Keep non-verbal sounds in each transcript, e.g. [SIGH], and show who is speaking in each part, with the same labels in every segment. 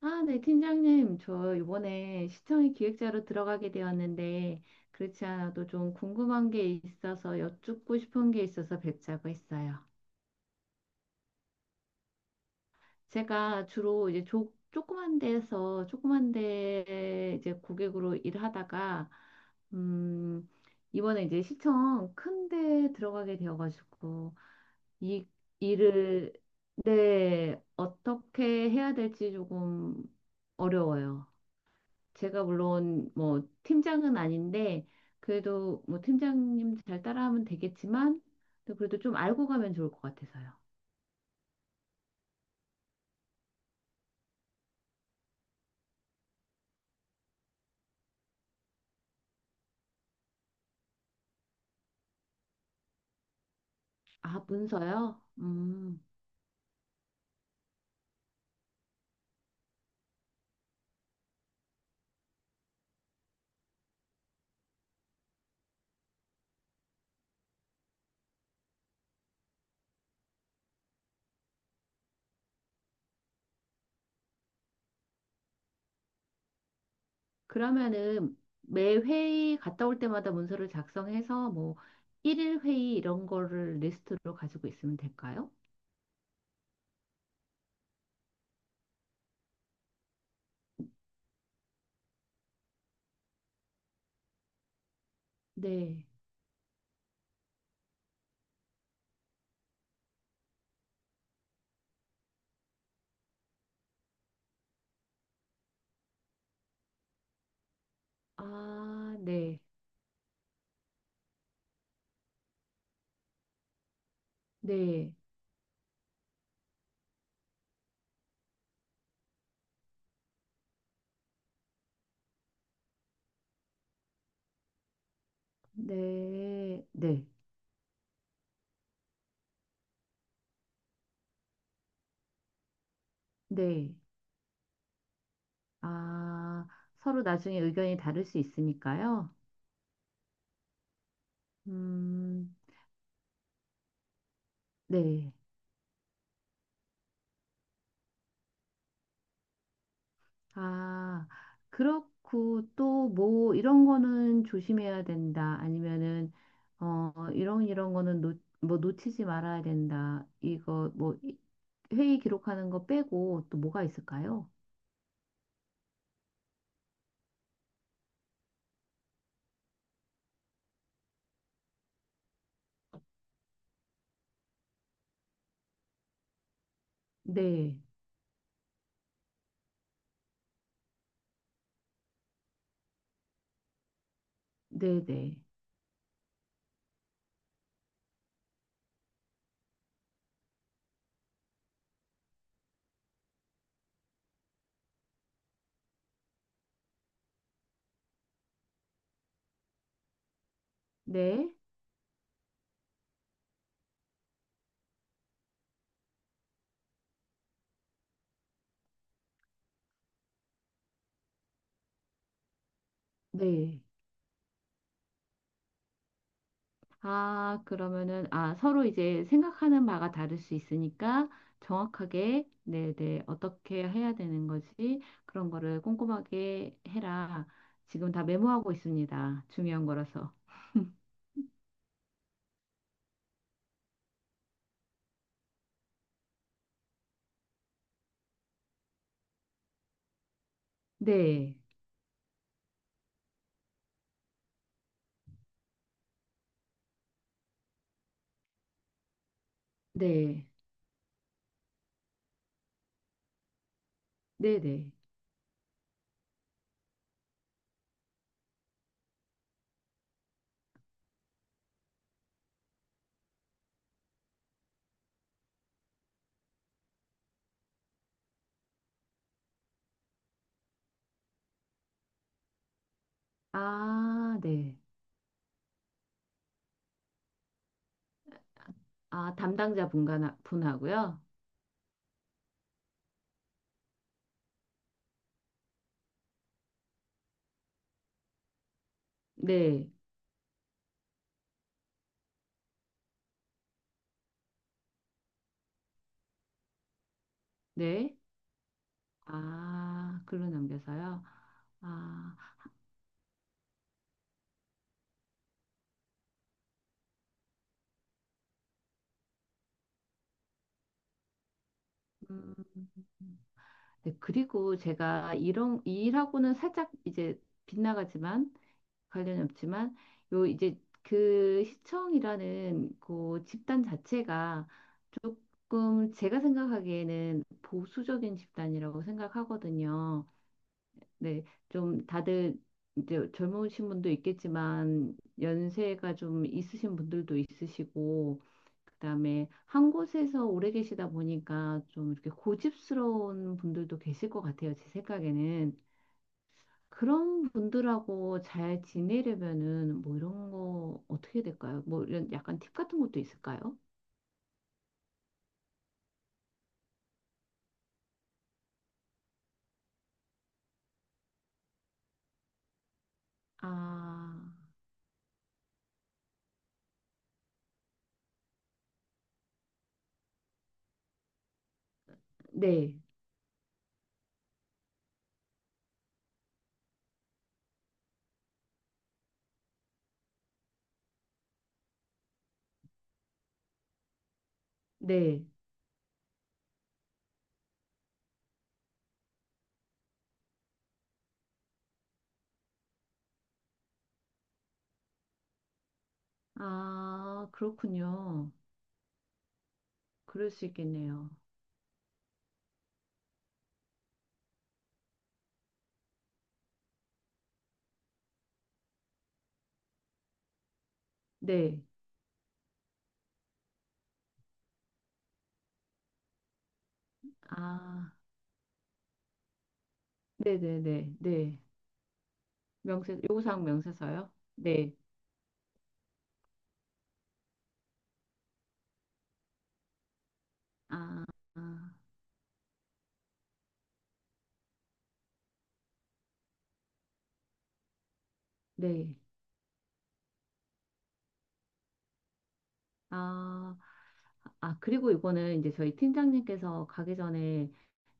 Speaker 1: 아, 네, 팀장님. 저 이번에 시청의 기획자로 들어가게 되었는데, 그렇지 않아도 좀 궁금한 게 있어서 여쭙고 싶은 게 있어서 뵙자고 했어요. 제가 주로 이제 조그만 데에서, 조그만 데 이제 고객으로 일하다가, 음, 이번에 이제 시청 큰데 들어가게 되어가지고, 이 일을, 네, 어떻게 해야 될지 조금 어려워요. 제가 물론 뭐 팀장은 아닌데 그래도 뭐 팀장님 잘 따라하면 되겠지만 또 그래도 좀 알고 가면 좋을 것 같아서요. 아, 문서요? 음. 그러면은 매 회의 갔다 올 때마다 문서를 작성해서 뭐 일일 회의 이런 거를 리스트로 가지고 있으면 될까요? 네. 아, 네. 네. 네. 네. 네. 아, 서로 나중에 의견이 다를 수 있으니까요. 음. 네. 아, 그렇고 또 뭐 이런 거는 조심해야 된다. 아니면은 이런 거는 뭐 놓치지 말아야 된다. 이거 뭐 회의 기록하는 거 빼고 또 뭐가 있을까요? 네. 네, 네. 네. 네. 아, 그러면은, 아, 서로 이제 생각하는 바가 다를 수 있으니까 정확하게, 네네, 어떻게 해야 되는 거지? 그런 거를 꼼꼼하게 해라. 지금 다 메모하고 있습니다. 중요한 거라서. 네, 네, 네네. 아, 네. 아, 담당자 분간 분하고요. 네, 네. 아, 글로 남겨서요. 아, 음. 네, 그리고 제가 이런 이 일하고는 살짝 이제 빗나가지만 관련이 없지만 요 이제 그 시청이라는 그 집단 자체가 조금 제가 생각하기에는 보수적인 집단이라고 생각하거든요. 네, 좀 다들 이제 젊으신 분도 있겠지만 연세가 좀 있으신 분들도 있으시고 그다음에 한 곳에서 오래 계시다 보니까 좀 이렇게 고집스러운 분들도 계실 것 같아요. 제 생각에는 그런 분들하고 잘 지내려면은 뭐 이런 거 어떻게 될까요? 뭐 이런 약간 팁 같은 것도 있을까요? 아, 네, 네. 아, 그렇군요. 그럴 수 있겠네요. 네. 아. 네네네. 네. 명세, 요구사항 명세서요? 네. 아, 아, 네. 아, 아, 그리고 이거는 이제 저희 팀장님께서 가기 전에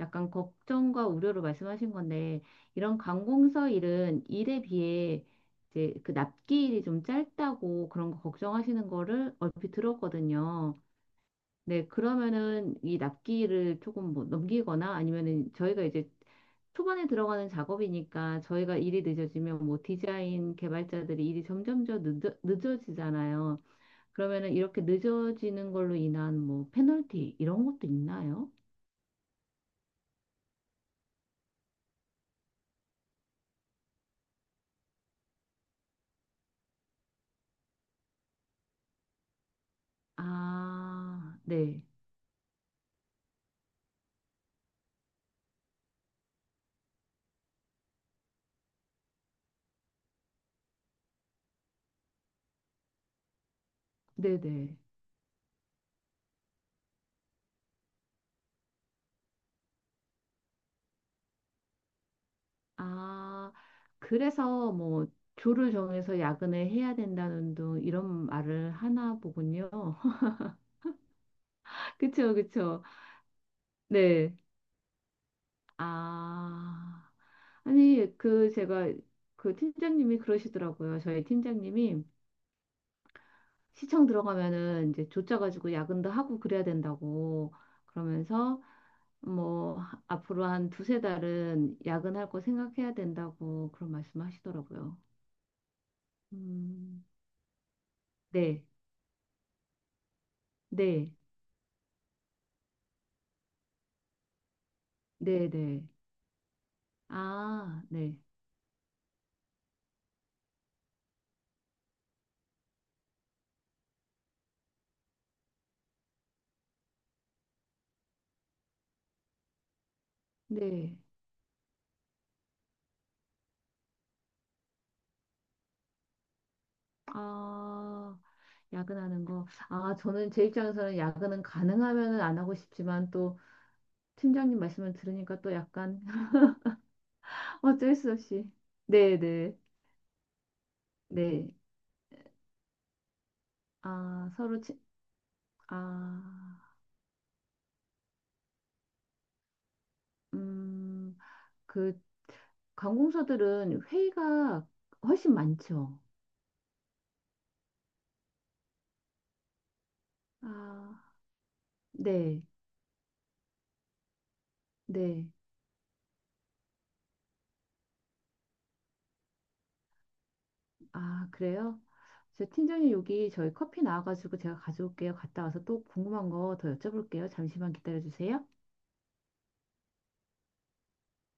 Speaker 1: 약간 걱정과 우려를 말씀하신 건데, 이런 관공서 일은 일에 비해 이제 그 납기일이 좀 짧다고 그런 거 걱정하시는 거를 얼핏 들었거든요. 네, 그러면은 이 납기를 조금 뭐 넘기거나 아니면은 저희가 이제 초반에 들어가는 작업이니까 저희가 일이 늦어지면 뭐 디자인 개발자들이 일이 점점 더 늦어지잖아요. 그러면은 이렇게 늦어지는 걸로 인한 뭐 페널티 이런 것도 있나요? 아, 네. 네네. 아, 그래서 뭐 조를 정해서 야근을 해야 된다는 둥 이런 말을 하나 보군요. [LAUGHS] 그쵸, 그쵸. 네. 아, 아니, 그, 제가, 그 팀장님이 그러시더라고요. 저희 팀장님이 시청 들어가면은 이제 조짜가지고 야근도 하고 그래야 된다고 그러면서 뭐, 앞으로 한 두세 달은 야근할 거 생각해야 된다고 그런 말씀 하시더라고요. 음, 네, 네, 네, 네. 아, 네, 네. 아, 야근하는 거. 아, 저는 제 입장에서는 야근은 가능하면은 안 하고 싶지만 또 팀장님 말씀을 들으니까 또 약간 [LAUGHS] 어쩔 수 없이 네네 네. 아 서로 아, 음, 그 관공서들은 회의가 훨씬 많죠. 아, 네, 네. 아, 그래요? 저 팀장님 여기 저희 커피 나와가지고 제가 가져올게요. 갔다 와서 또 궁금한 거 더 여쭤볼게요. 잠시만 기다려주세요.